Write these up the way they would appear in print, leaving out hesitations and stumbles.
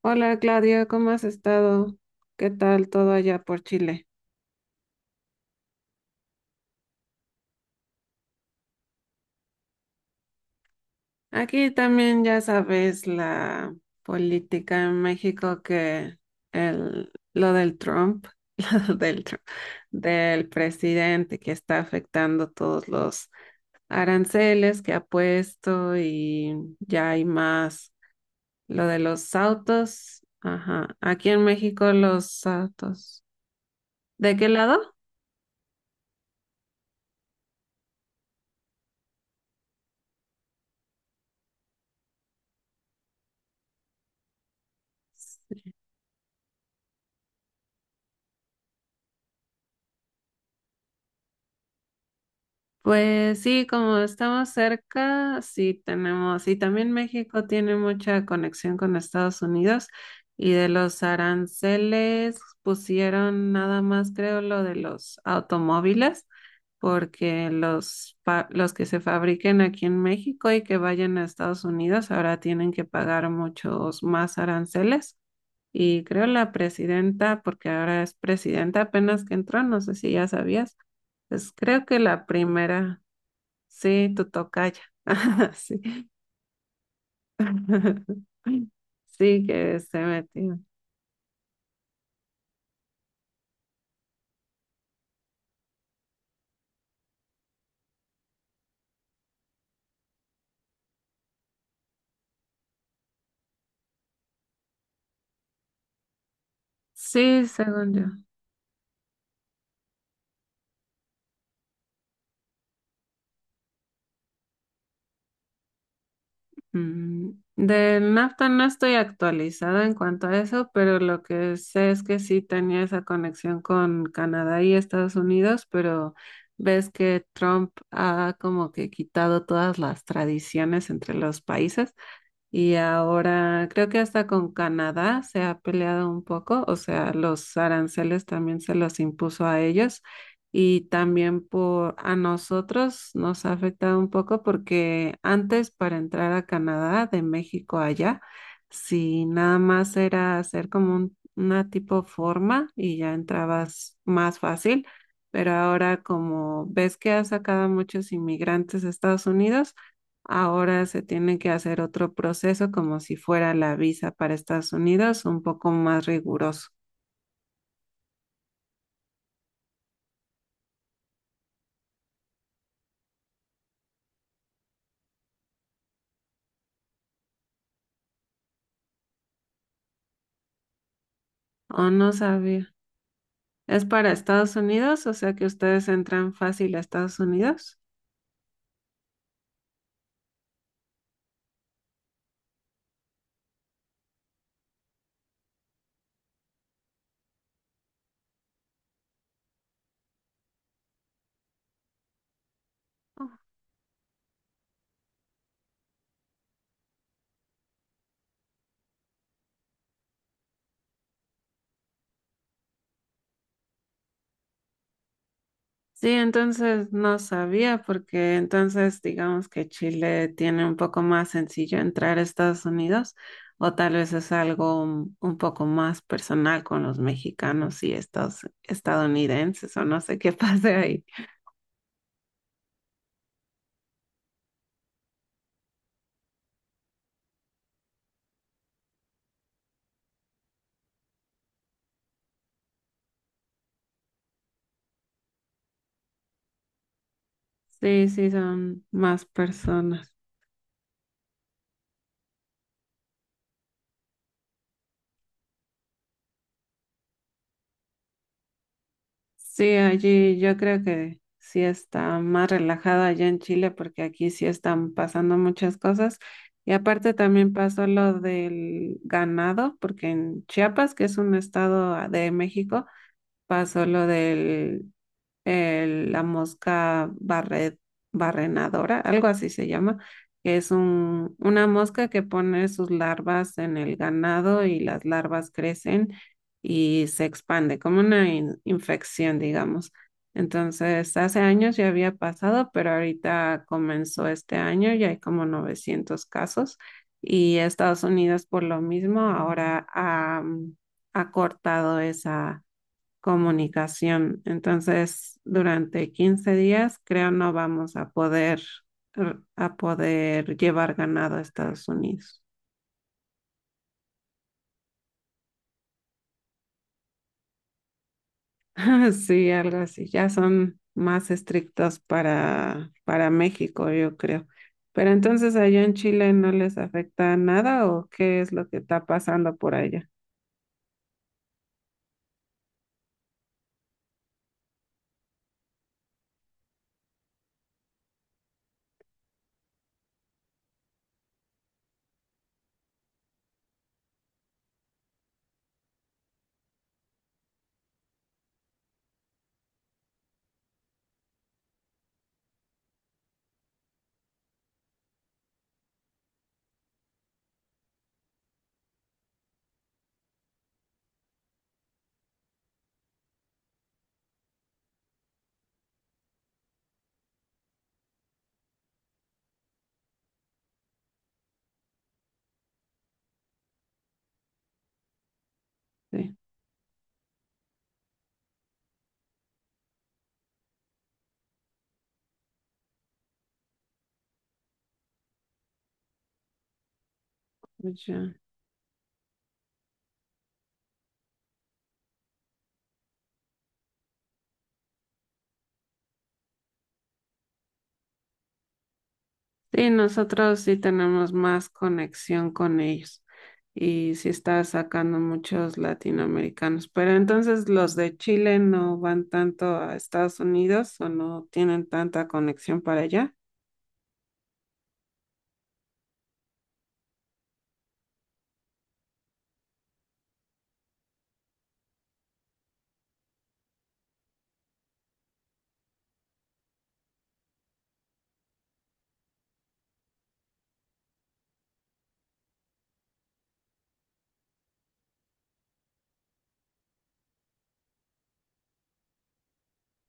Hola Claudia, ¿cómo has estado? ¿Qué tal todo allá por Chile? Aquí también ya sabes la política en México que lo del Trump, lo del Trump, del presidente que está afectando todos los aranceles que ha puesto y ya hay más lo de los autos. Ajá, aquí en México los autos. ¿De qué lado? Pues sí, como estamos cerca, sí tenemos, y también México tiene mucha conexión con Estados Unidos y de los aranceles pusieron nada más, creo, lo de los automóviles, porque los que se fabriquen aquí en México y que vayan a Estados Unidos ahora tienen que pagar muchos más aranceles. Y creo la presidenta, porque ahora es presidenta apenas que entró, no sé si ya sabías. Pues creo que la primera. Sí, tu tocaya. Sí. Sí, que se metió. Sí, según yo. Mm, Del NAFTA no estoy actualizada en cuanto a eso, pero lo que sé es que sí tenía esa conexión con Canadá y Estados Unidos, pero ves que Trump ha como que quitado todas las tradiciones entre los países. Y ahora creo que hasta con Canadá se ha peleado un poco, o sea, los aranceles también se los impuso a ellos y también por a nosotros nos ha afectado un poco porque antes para entrar a Canadá de México allá, si nada más era hacer como una tipo forma y ya entrabas más fácil, pero ahora como ves que ha sacado a muchos inmigrantes a Estados Unidos, ahora se tiene que hacer otro proceso como si fuera la visa para Estados Unidos, un poco más riguroso. Oh, no sabía. ¿Es para Estados Unidos? O sea que ustedes entran fácil a Estados Unidos. Sí, entonces no sabía porque entonces digamos que Chile tiene un poco más sencillo entrar a Estados Unidos o tal vez es algo un poco más personal con los mexicanos y estos estadounidenses o no sé qué pase ahí. Sí, sí, son más personas. Sí, allí yo creo que sí está más relajado allá en Chile porque aquí sí están pasando muchas cosas. Y aparte también pasó lo del ganado, porque en Chiapas, que es un estado ah, de México, pasó lo del la mosca barrenadora, algo así se llama, que es un, una mosca que pone sus larvas en el ganado y las larvas crecen y se expande, como una infección, digamos. Entonces, hace años ya había pasado, pero ahorita comenzó este año y hay como 900 casos. Y Estados Unidos, por lo mismo, ahora ha cortado esa comunicación. Entonces, durante 15 días, creo no vamos a poder, llevar ganado a Estados Unidos. Sí, algo así. Ya son más estrictos para México, yo creo. ¿Pero entonces allá en Chile no les afecta nada o qué es lo que está pasando por allá? Sí, pues ya. Sí, nosotros sí tenemos más conexión con ellos y sí está sacando muchos latinoamericanos, pero entonces los de Chile no van tanto a Estados Unidos o no tienen tanta conexión para allá.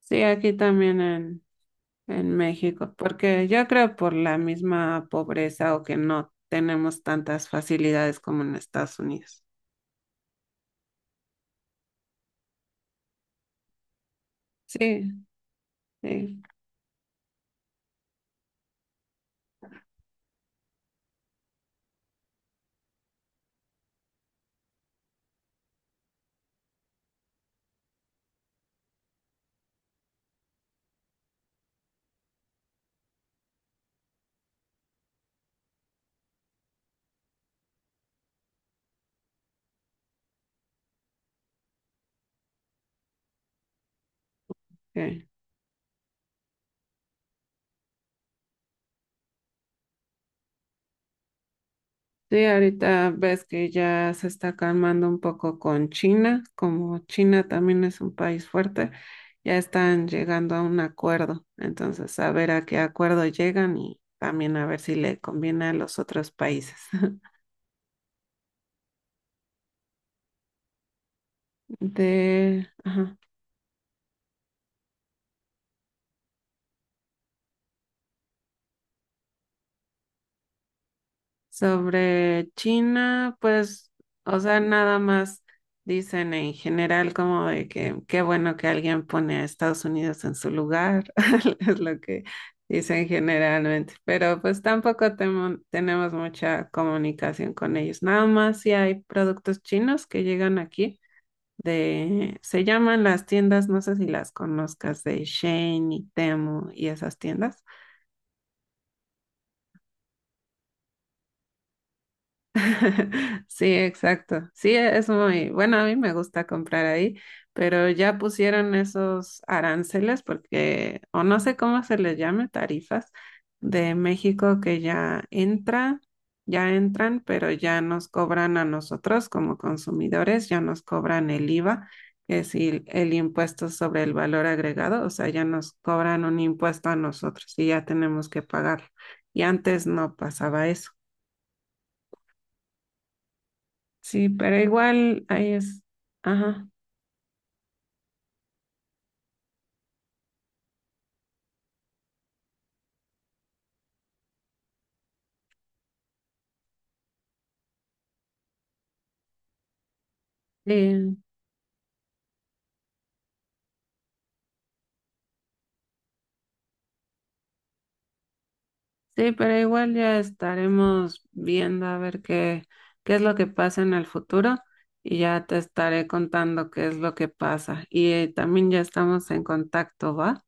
Sí, aquí también en México, porque yo creo por la misma pobreza o que no tenemos tantas facilidades como en Estados Unidos. Sí, sí. Ok. Sí, ahorita ves que ya se está calmando un poco con China, como China también es un país fuerte, ya están llegando a un acuerdo, entonces a ver a qué acuerdo llegan y también a ver si le conviene a los otros países. De, ajá. Sobre China, pues, o sea, nada más dicen en general como de que qué bueno que alguien pone a Estados Unidos en su lugar, es lo que dicen generalmente, pero pues tampoco tenemos mucha comunicación con ellos, nada más si hay productos chinos que llegan aquí de, se llaman las tiendas, no sé si las conozcas, de Shein y Temu y esas tiendas. Sí, exacto. Sí, es muy bueno. A mí me gusta comprar ahí, pero ya pusieron esos aranceles porque, o no sé cómo se les llame, tarifas de México que ya entra, ya entran, pero ya nos cobran a nosotros como consumidores, ya nos cobran el IVA, que es el impuesto sobre el valor agregado, o sea, ya nos cobran un impuesto a nosotros y ya tenemos que pagarlo. Y antes no pasaba eso. Sí, pero igual ahí es. Ajá. Sí, sí, pero igual ya estaremos viendo a ver qué es lo que pasa en el futuro y ya te estaré contando qué es lo que pasa. Y también ya estamos en contacto, ¿va?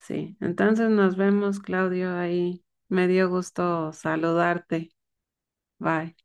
Sí, entonces nos vemos, Claudio, ahí. Me dio gusto saludarte. Bye.